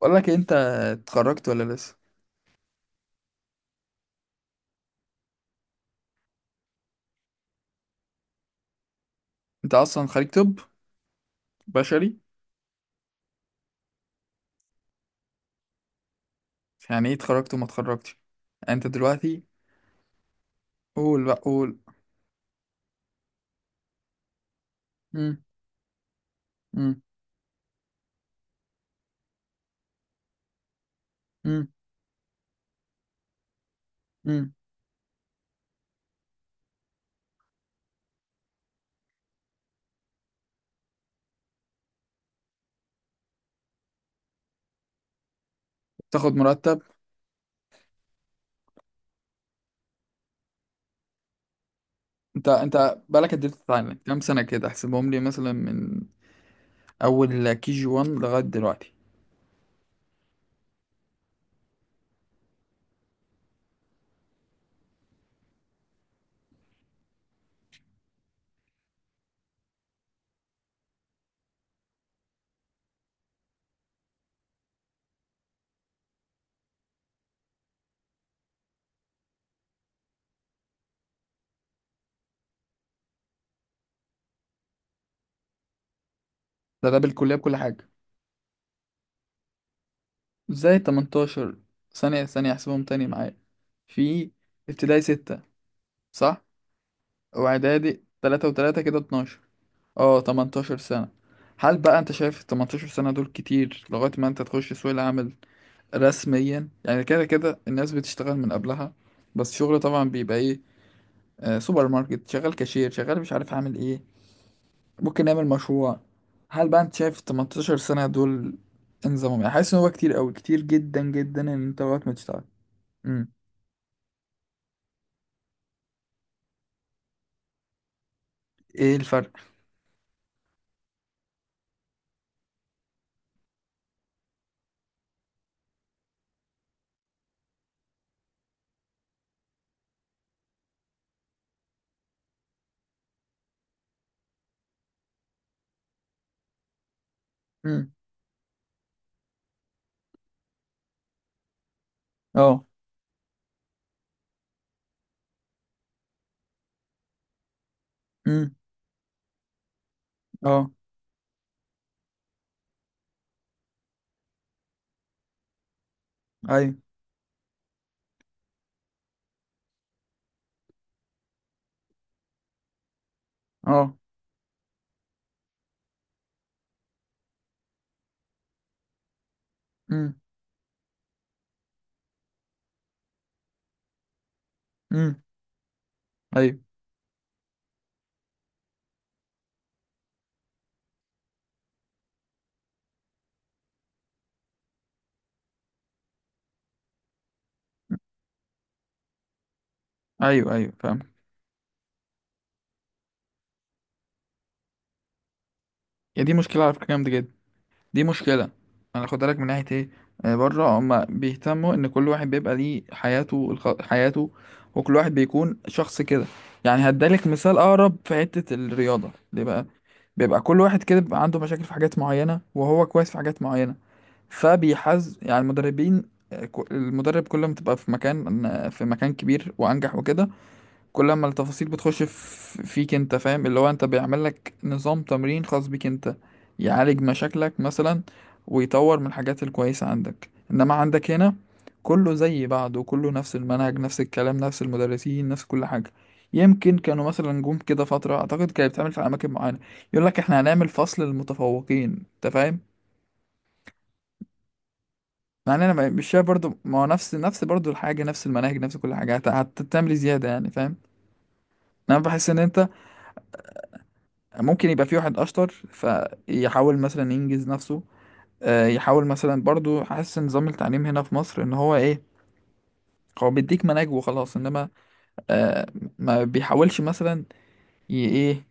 بقول لك إيه، انت اتخرجت ولا لسه؟ انت اصلا خريج طب بشري؟ يعني ايه اتخرجت وما اتخرجتش؟ يعني انت دلوقتي؟ قول بقى قول. مم. مم. مم. مم. تاخد مرتب. انت بقالك قد ايه بتتعلم كام سنه؟ كده احسبهم لي مثلا من اول كي جي 1 لغايه دلوقتي. ده بالكليه بكل حاجه؟ ازاي 18؟ ثانيه ثانيه، احسبهم تاني معايا. في ابتدائي 6، صح؟ واعدادي 3 و3، كده 12. اه 18 سنة. هل بقى انت شايف ال 18 سنة دول كتير لغاية ما انت تخش سوق العمل رسميا؟ يعني كده كده الناس بتشتغل من قبلها، بس شغل طبعا بيبقى ايه؟ سوبر ماركت، شغال كاشير، شغال مش عارف عامل ايه. ممكن نعمل مشروع. هل بقى انت شايف ال 18 سنة دول انظمهم؟ يعني حاسس ان هو كتير قوي، كتير جدا جدا، ان انت لغاية ما تشتغل؟ امم. ايه الفرق؟ امم. اه. امم. اه. ايوه. اه. امم. امم. ايوه. ايوه. ايوه فاهم. يا دي مشكلة على فكرة جامدة جدا، دي مشكلة. انا خد بالك من ناحية ايه. بره هما بيهتموا ان كل واحد بيبقى ليه حياته، حياته، وكل واحد بيكون شخص كده. يعني هدالك مثال اقرب في حتة الرياضة، ليه بقى؟ بيبقى كل واحد كده بيبقى عنده مشاكل في حاجات معينة وهو كويس في حاجات معينة، فبيحز يعني المدربين. المدرب كل ما تبقى في مكان، في مكان كبير وانجح وكده، كل ما التفاصيل بتخش فيك انت، فاهم؟ اللي هو انت بيعمل لك نظام تمرين خاص بيك انت، يعالج مشاكلك مثلا ويطور من الحاجات الكويسة عندك. انما عندك هنا كله زي بعضه، كله نفس المنهج نفس الكلام نفس المدرسين نفس كل حاجة. يمكن كانوا مثلا جم كده فترة، اعتقد كانت بتعمل في اماكن معينة، يقول لك احنا هنعمل فصل للمتفوقين، انت فاهم؟ يعني انا مش شايف برضو، ما هو نفس برضو الحاجة، نفس المناهج نفس كل حاجة، هتعمل إيه زيادة يعني، فاهم؟ انا بحس ان انت ممكن يبقى في واحد اشطر فيحاول مثلا ينجز نفسه، يحاول مثلا برضو حاسس ان نظام التعليم هنا في مصر ان هو ايه، هو بيديك مناهج وخلاص. انما آه، ما بيحاولش مثلا ي- ايه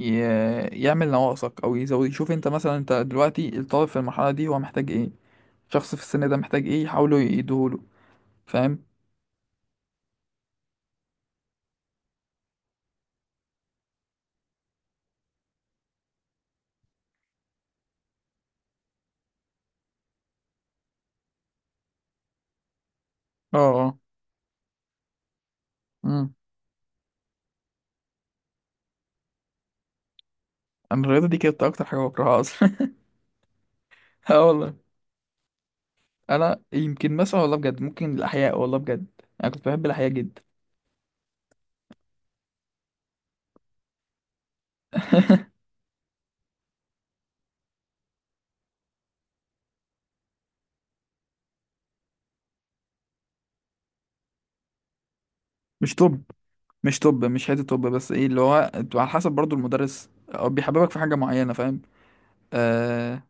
يعمل نواقصك او يزود، يشوف انت مثلا انت دلوقتي الطالب في المرحله دي هو محتاج ايه، الشخص في السن ده محتاج ايه يحاولوا يديهوله. فاهم؟ اه. اه. امم. انا الرياضه دي كانت اكتر حاجه بكرهها اصلا. اه والله. انا يمكن مثلا والله بجد ممكن الاحياء، والله بجد انا كنت بحب الاحياء جدا. مش طب، مش طب مش حته طب، بس ايه اللي هو انتوا على حسب برضو المدرس، هو بيحببك في حاجه معينه، فاهم؟ آه...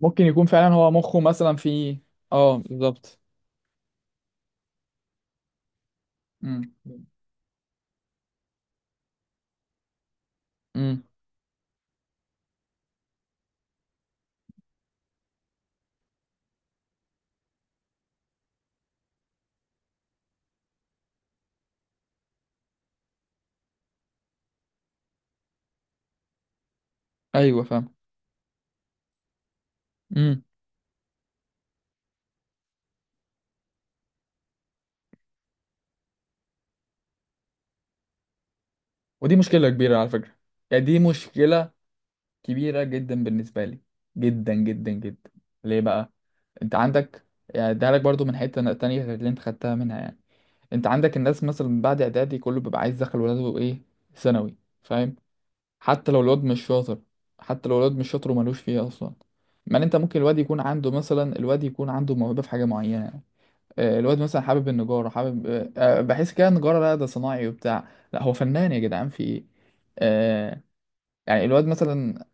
ممكن يكون فعلا هو مخه مثلا في. اه بالظبط. مم. امم. ايوه فاهم. امم. ودي مشكلة كبيرة على فكرة. يعني دي مشكلة كبيرة جدا بالنسبة لي، جدا جدا جدا. ليه بقى؟ انت عندك يعني ده لك برضو من حتة تانية غير اللي انت خدتها منها يعني. انت عندك الناس مثلا بعد اعدادي كله بيبقى عايز يدخل ولاده ايه؟ ثانوي. فاهم؟ حتى لو الواد مش شاطر، حتى لو الواد مش شاطر وملوش فيه اصلا. ما انت ممكن الواد يكون عنده مثلا، الواد يكون عنده موهبه في حاجه معينه. الواد مثلا حابب النجاره، حابب، بحس كده النجاره لا ده صناعي وبتاع، لا هو فنان يا جدعان في ايه. آه، يعني الواد مثلا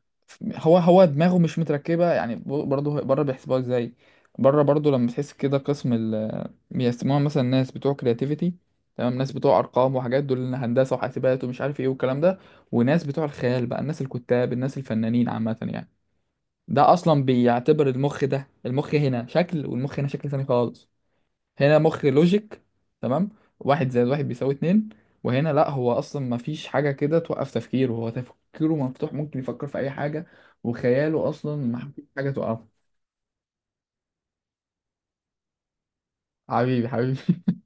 هو دماغه مش متركبة يعني، برضه بره بيحسبوها ازاي؟ بره برضه لما تحس كده قسم ال، بيسموها مثلا ناس بتوع كرياتيفيتي، تمام، ناس بتوع ارقام وحاجات دول إن هندسة وحاسبات ومش عارف ايه والكلام ده، وناس بتوع الخيال بقى الناس الكتاب الناس الفنانين عامة يعني. ده اصلا بيعتبر المخ، ده المخ هنا شكل والمخ هنا شكل تاني خالص. هنا مخ لوجيك، تمام، واحد زائد واحد بيساوي اتنين. وهنا لا هو اصلا ما فيش حاجه كده توقف تفكيره، هو تفكيره مفتوح ممكن يفكر في اي حاجه، وخياله اصلا ما فيش حاجه توقفه. حبيبي حبيبي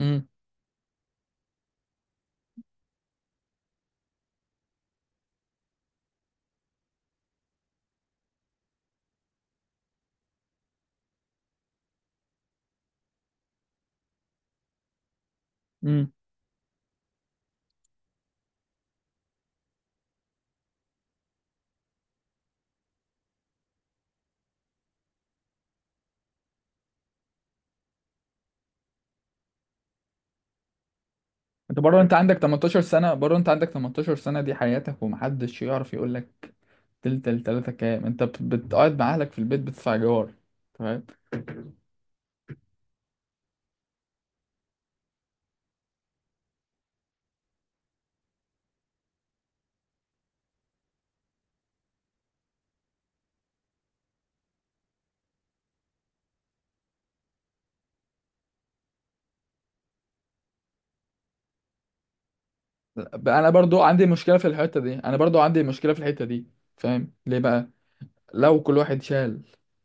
امم. امم. انت بره انت عندك 18 سنه، بره انت عندك 18 سنه دي حياتك، ومحدش يعرف يقول لك تلاتة كام. انت بتقعد مع اهلك في البيت بتدفع جوار؟ تمام. انا برضو عندي مشكله في الحته دي، انا برضو عندي مشكله في الحته دي. فاهم ليه بقى؟ لو كل واحد شال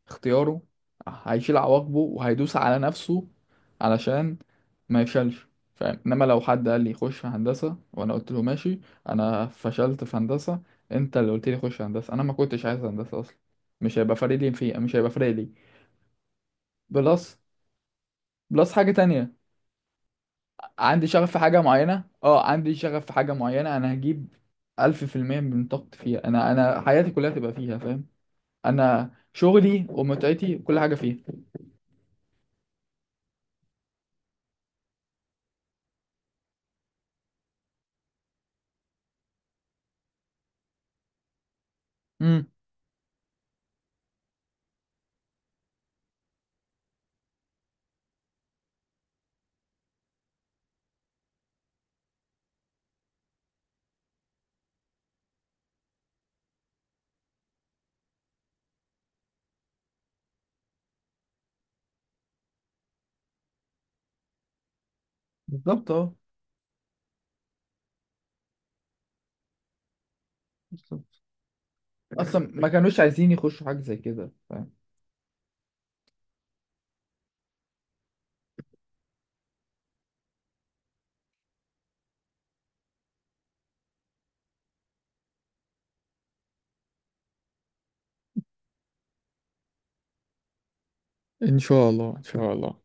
اختياره، هيشيل عواقبه وهيدوس على نفسه علشان ما يفشلش. فاهم؟ انما لو حد قال لي خش في هندسة وانا قلت له ماشي، انا فشلت في هندسة، انت اللي قلت لي خش هندسة، انا ما كنتش عايز هندسة اصلا. مش هيبقى فارق لي مش هيبقى فارق لي. بلس، بلس حاجة تانية. عندي شغف في حاجة معينة، اه عندي شغف في حاجة معينة، انا هجيب 100% من طاقتي فيها. انا حياتي كلها تبقى فيها، فاهم؟ انا شغلي ومتعتي وكل حاجة فيها. مم. بالظبط اه. بالظبط اصلا ما كانوش عايزين يخشوا حاجه زي كده، فاهم؟ ان شاء الله ان شاء الله.